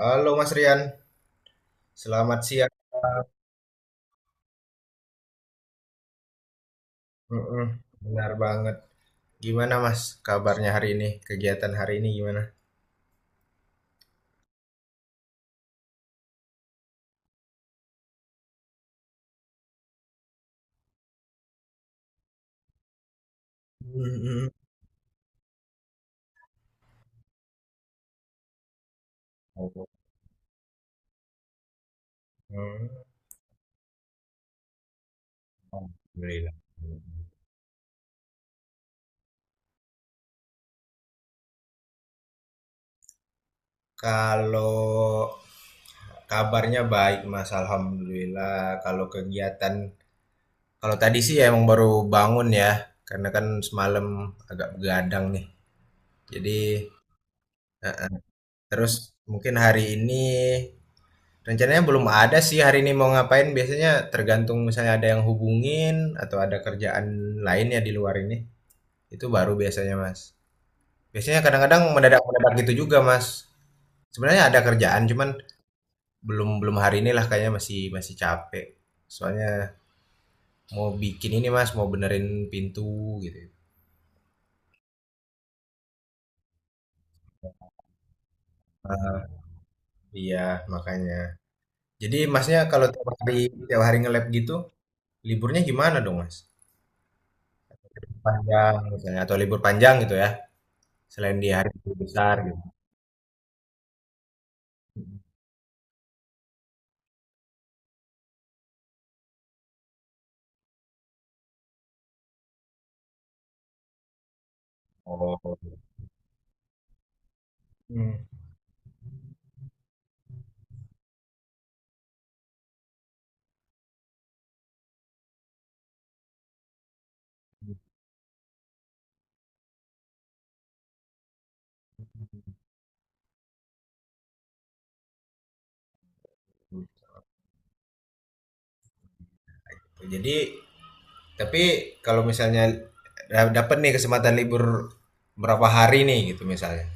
Halo Mas Rian, selamat siang. Mm-mm, benar banget. Gimana Mas kabarnya hari ini? Kegiatan hari ini gimana? Mm-mm. Oh, mm. Alhamdulillah. Kalau kabarnya baik Mas, Alhamdulillah. Kalau kegiatan, kalau tadi sih ya emang baru bangun ya, karena kan semalam agak begadang nih. Jadi eh, eh. terus mungkin hari ini rencananya belum ada sih hari ini mau ngapain, biasanya tergantung misalnya ada yang hubungin atau ada kerjaan lain ya di luar ini. Itu baru biasanya, Mas. Biasanya kadang-kadang mendadak-mendadak gitu juga, Mas. Sebenarnya ada kerjaan cuman belum belum hari ini lah kayaknya masih masih capek. Soalnya mau bikin ini, Mas, mau benerin pintu gitu. Ah, iya, makanya. Jadi Masnya kalau tiap hari nge-lab gitu, liburnya gimana dong, Mas? Panjang misalnya atau libur panjang gitu ya? Selain di hari guru besar gitu. Oh. Hmm. Gitu. Jadi, tapi kalau misalnya dapat nih kesempatan libur berapa hari nih gitu misalnya.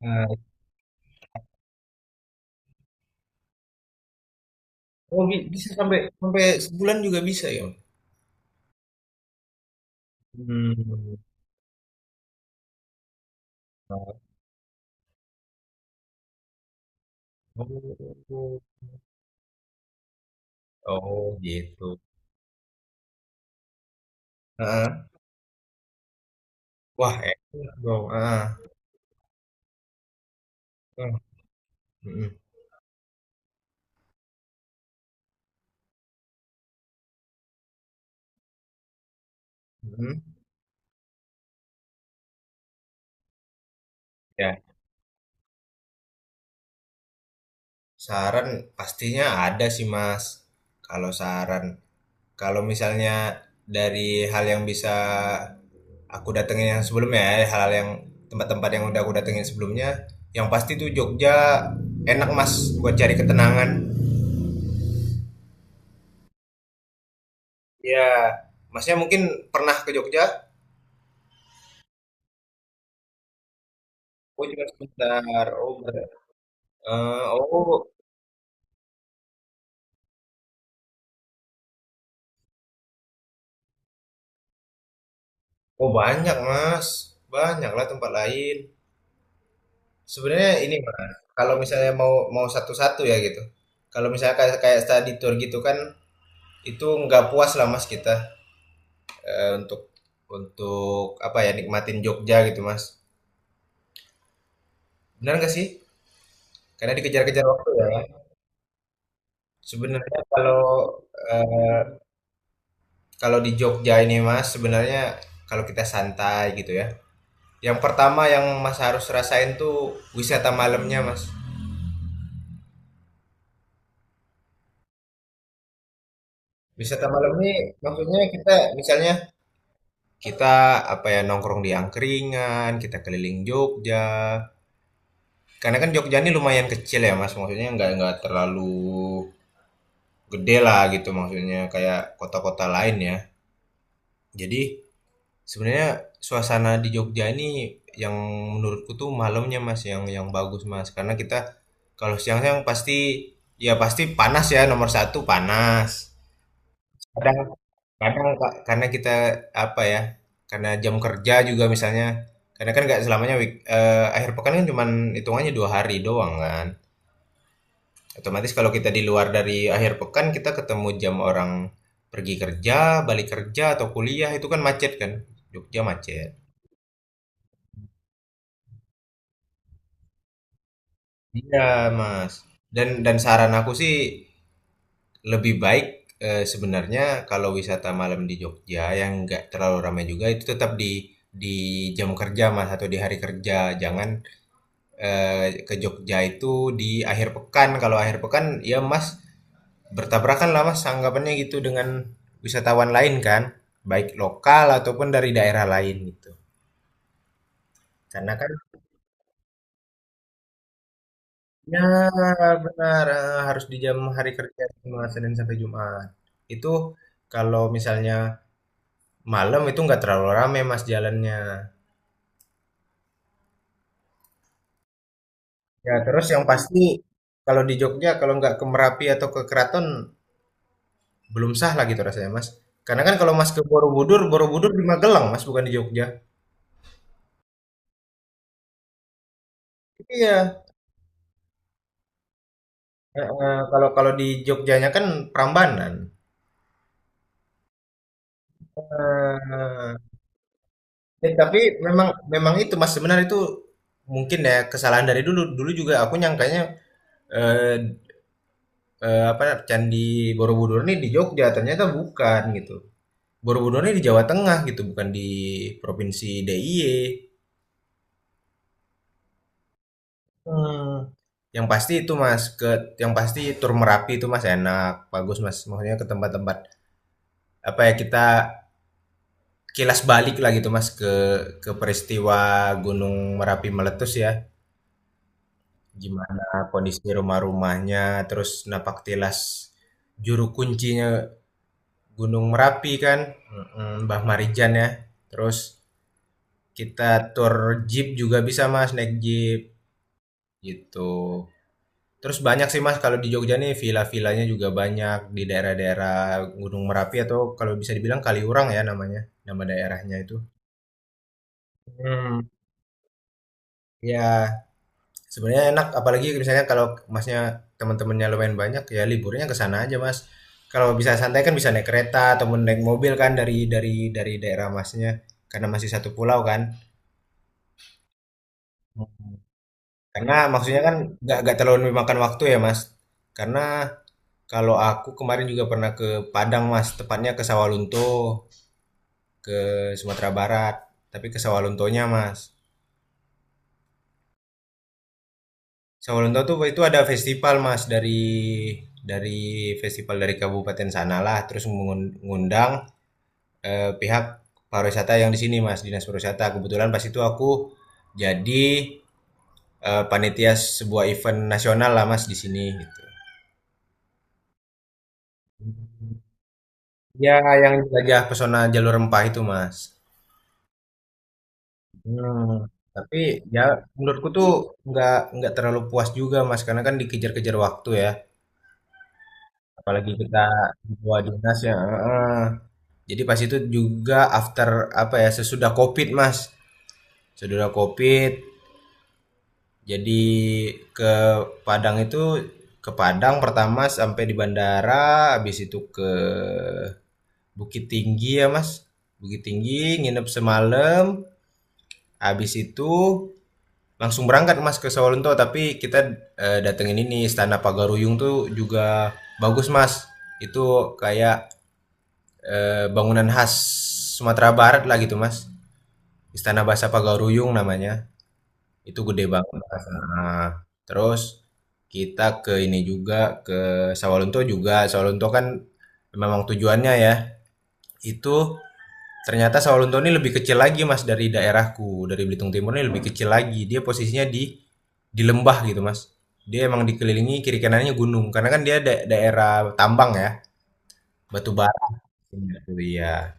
Nah, oh, bisa sampai sampai sebulan juga bisa ya. Hmm. Oh, oh gitu. Heeh. Wah, enak dong. Ah. Nah, mm-mm. Ya, saran pastinya ada sih, Mas. Kalau saran kalau misalnya dari hal yang bisa aku datengin yang sebelumnya ya, hal-hal yang tempat-tempat yang udah aku datengin sebelumnya, yang pasti tuh Jogja enak Mas buat cari ketenangan. Ya, Masnya mungkin pernah ke Jogja? Oh cuma sebentar. Oh, eh, oh, oh banyak Mas, banyak lah tempat lain. Sebenarnya ini Mas, kalau misalnya mau mau satu-satu ya gitu. Kalau misalnya kayak kayak study tour gitu kan, itu nggak puas lah Mas kita. eh, untuk untuk apa ya nikmatin Jogja gitu Mas. Benar nggak sih? Karena dikejar-kejar waktu ya. Sebenarnya kalau eh, kalau di Jogja ini Mas, sebenarnya kalau kita santai gitu ya. Yang pertama yang Mas harus rasain tuh wisata malamnya Mas. Wisata malam ini maksudnya kita misalnya kita apa ya nongkrong di angkringan, kita keliling Jogja. Karena kan Jogja ini lumayan kecil ya Mas, maksudnya nggak terlalu gede lah gitu maksudnya kayak kota-kota lain ya. Jadi sebenarnya suasana di Jogja ini yang menurutku tuh malamnya Mas yang bagus Mas karena kita kalau siang-siang pasti ya pasti panas ya nomor satu panas. Kadang kadang Kak, karena kita apa ya karena jam kerja juga misalnya karena kan nggak selamanya akhir pekan kan cuman hitungannya dua hari doang kan. Otomatis kalau kita di luar dari akhir pekan, kita ketemu jam orang pergi kerja, balik kerja atau kuliah itu kan macet kan? Jogja macet. Iya, Mas. Dan saran aku sih lebih baik sebenarnya kalau wisata malam di Jogja yang nggak terlalu ramai juga itu tetap di jam kerja Mas atau di hari kerja. Jangan ke Jogja itu di akhir pekan. Kalau akhir pekan ya Mas bertabrakan lah Mas anggapannya gitu dengan wisatawan lain kan, baik lokal ataupun dari daerah lain gitu. Karena kan ya benar harus di jam hari kerja cuma Senin sampai Jumat. Itu kalau misalnya malam itu nggak terlalu rame Mas jalannya. Ya terus yang pasti kalau di Jogja kalau nggak ke Merapi atau ke Keraton belum sah lah gitu rasanya Mas. Karena kan kalau Mas ke Borobudur, Borobudur di Magelang Mas bukan di Jogja. Iya, heeh, kalau kalau di Jogjanya kan Prambanan. Heeh. Eh, tapi memang memang itu Mas sebenarnya itu mungkin ya kesalahan dari dulu. Dulu juga aku nyangkanya eh, eh, apa Candi Borobudur ini di Jogja, ternyata bukan gitu. Borobudur ini di Jawa Tengah gitu, bukan di Provinsi DIY. Hmm. Yang pasti itu Mas, ke yang pasti tur Merapi itu Mas enak, bagus Mas. Maksudnya ke tempat-tempat apa ya kita kilas balik lah gitu Mas ke peristiwa Gunung Merapi meletus ya. Gimana kondisi rumah-rumahnya, terus napak tilas juru kuncinya Gunung Merapi kan, mm, Mbah Marijan ya. Terus kita tour jeep juga bisa Mas, naik jeep gitu. Terus banyak sih Mas kalau di Jogja nih villa-villanya juga banyak di daerah-daerah Gunung Merapi atau kalau bisa dibilang Kaliurang ya namanya, nama daerahnya itu. Hmm, ya sebenarnya enak, apalagi misalnya kalau Masnya teman-temannya lumayan banyak, ya liburnya ke sana aja, Mas. Kalau bisa santai kan bisa naik kereta ataupun naik mobil kan dari daerah Masnya, karena masih satu pulau kan. Mhm. Karena maksudnya kan nggak terlalu memakan waktu ya, Mas. Karena kalau aku kemarin juga pernah ke Padang, Mas, tepatnya ke Sawalunto, ke Sumatera Barat, tapi ke Sawaluntonya, Mas. Sawalunto tuh itu ada festival Mas dari festival dari kabupaten sanalah terus ngundang pihak pariwisata yang di sini Mas, Dinas Pariwisata. Kebetulan pas itu aku jadi panitia sebuah event nasional lah Mas di sini gitu. Ya yang jelajah pesona jalur rempah itu Mas. Hmm, tapi ya menurutku tuh nggak nggak terlalu puas juga Mas karena kan dikejar-kejar waktu ya apalagi kita di bawah dinas ya heeh. Jadi pas itu juga after apa ya sesudah Covid Mas. Sesudah Covid jadi ke Padang itu ke Padang pertama sampai di bandara habis itu ke Bukit Tinggi ya Mas. Bukit Tinggi nginep semalam habis itu langsung berangkat Mas ke Sawalunto tapi kita datengin ini Istana Pagaruyung tuh juga bagus Mas. Itu kayak bangunan khas Sumatera Barat lah gitu Mas. Istana Bahasa Pagaruyung namanya, itu gede banget. Nah, terus kita ke ini juga, ke Sawalunto juga. Sawalunto kan memang tujuannya ya, itu ternyata Sawalunto ini lebih kecil lagi mas dari daerahku, dari Belitung Timur ini lebih kecil lagi. Dia posisinya di lembah gitu mas. Dia emang dikelilingi kiri kanannya gunung, karena kan dia daerah tambang ya, batu bara. Iya.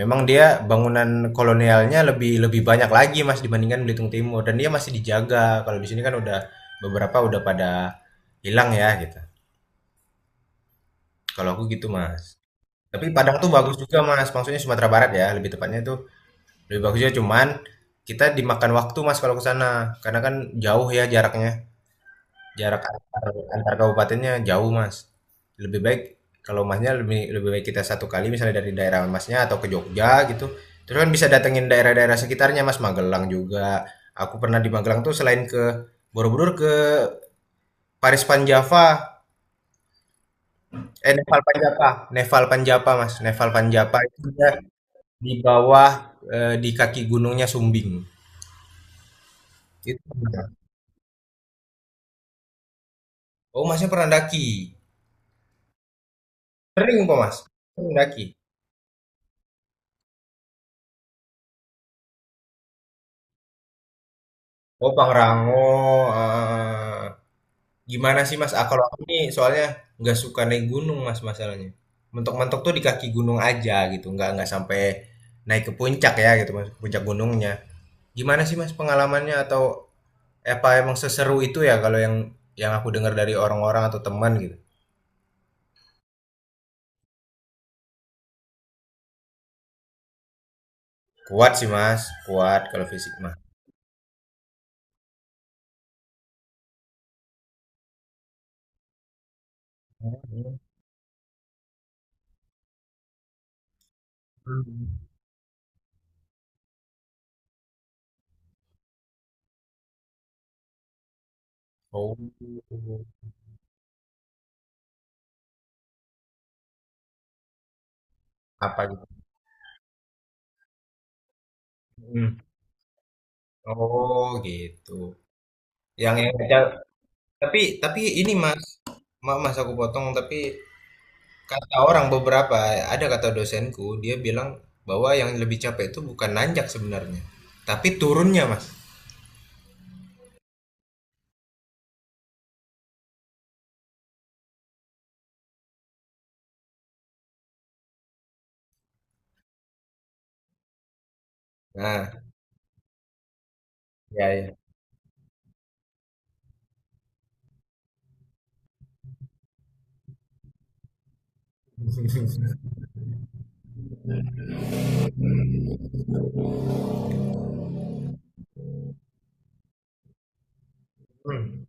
Memang dia bangunan kolonialnya lebih lebih banyak lagi Mas dibandingkan Belitung Timur dan dia masih dijaga. Kalau di sini kan udah beberapa udah pada hilang ya gitu. Kalau aku gitu Mas. Tapi Padang tuh bagus juga Mas, maksudnya Sumatera Barat ya, lebih tepatnya itu lebih bagus juga cuman kita dimakan waktu Mas kalau ke sana karena kan jauh ya jaraknya. Jarak antar antar kabupatennya jauh, Mas. Lebih baik kalau Masnya lebih lebih baik kita satu kali misalnya dari daerah Masnya atau ke Jogja gitu. Terus kan bisa datengin daerah-daerah sekitarnya, Mas, Magelang juga. Aku pernah di Magelang tuh selain ke Borobudur ke Paris Panjava, Nepal Panjava, Nepal Panjava, Mas. Nepal panjapa itu dia di bawah di kaki gunungnya Sumbing. Itu pernah. Oh, Masnya pernah daki. Sering kok, Mas. Sering daki. Oh, Pangrango, eh, gimana sih Mas, ah, kalau aku nih soalnya nggak suka naik gunung Mas masalahnya. Mentok-mentok tuh di kaki gunung aja gitu, nggak sampai naik ke puncak ya gitu Mas, puncak gunungnya. Gimana sih Mas pengalamannya atau apa emang seseru itu ya kalau yang aku dengar dari orang-orang atau teman gitu? Kuat sih Mas, kuat kalau fisik mah. Hmm. Oh, apa gitu? Hmm. Oh gitu. Yang tapi ini Mas, maaf Mas aku potong tapi kata orang beberapa, ada kata dosenku, dia bilang bahwa yang lebih capek itu bukan nanjak sebenarnya, tapi turunnya, Mas. Nah, ya ya. Hmm.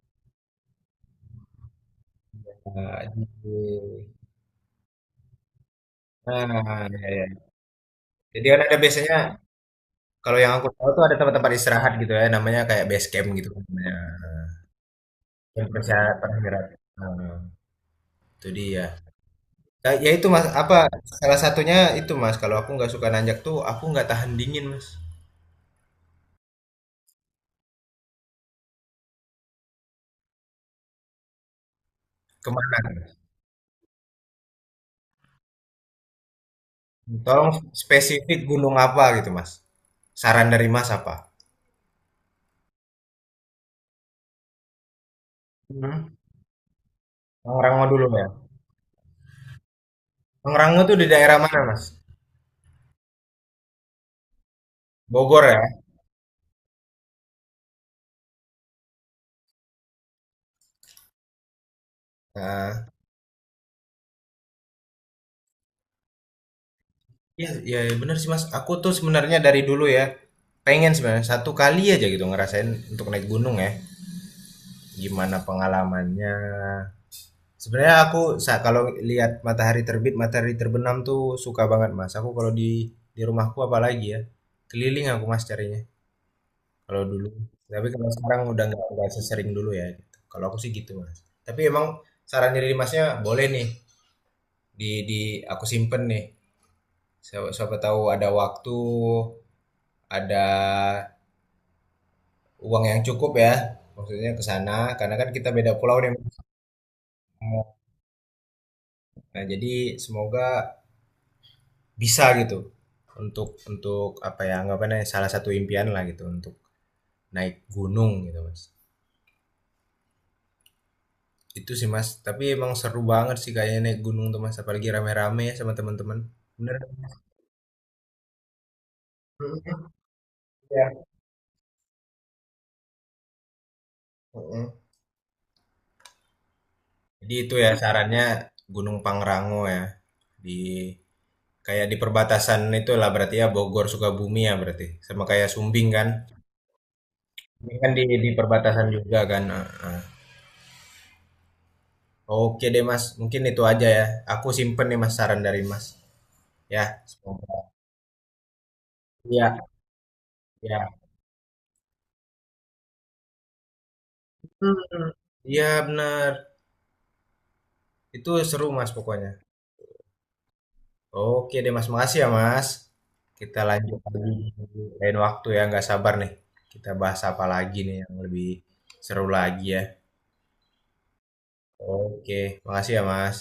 Nah, di- nah, ya, ya. Jadi kan ada biasanya kalau yang aku tahu tuh ada tempat-tempat istirahat gitu ya, namanya kayak base camp gitu kan namanya. Yang persyarat persyarat. Nah, itu dia. Nah, ya itu Mas, apa salah satunya itu Mas, kalau aku nggak suka nanjak tuh aku nggak tahan dingin, Mas. Kemana? Tolong spesifik gunung apa gitu, Mas? Saran dari Mas apa? Hmm. Pangrango dulu ya. Pangrango tuh di daerah mana, Mas? Bogor ya? Nah, ya, ya bener sih, Mas. Aku tuh sebenarnya dari dulu ya, pengen sebenarnya satu kali aja gitu ngerasain untuk naik gunung ya. Gimana pengalamannya? Sebenarnya aku kalau lihat matahari terbit, matahari terbenam tuh suka banget, Mas. Aku kalau di rumahku apalagi ya, keliling aku Mas carinya. Kalau dulu, tapi kalau sekarang udah nggak sesering dulu ya, gitu. Kalau aku sih gitu, Mas. Tapi emang saran dari Masnya boleh nih di aku simpen nih. Siapa, siapa tahu ada waktu, ada uang yang cukup ya. Maksudnya ke sana karena kan kita beda pulau nih. Mas. Nah, jadi semoga bisa gitu untuk apa ya anggapannya salah satu impian lah gitu untuk naik gunung gitu, Mas. Itu sih Mas, tapi emang seru banget sih kayaknya naik gunung tuh Mas, apalagi rame-rame ya sama teman-teman. Bener. Mhm. Iya. Mhm. Jadi itu ya sarannya Gunung Pangrango ya. Di kayak di perbatasan itulah berarti ya Bogor Sukabumi ya berarti. Sama kayak Sumbing kan. Ini kan di perbatasan juga kan. Ah, ah. Oke deh Mas, mungkin itu aja ya. Aku simpen nih Mas saran dari Mas. Ya, semoga. Iya, iya. Hmm. Iya benar. Itu seru Mas pokoknya. Oke deh Mas, makasih ya Mas. Kita lanjut lagi di lain waktu ya, nggak sabar nih. Kita bahas apa lagi nih yang lebih seru lagi ya. Oke, makasih ya Mas.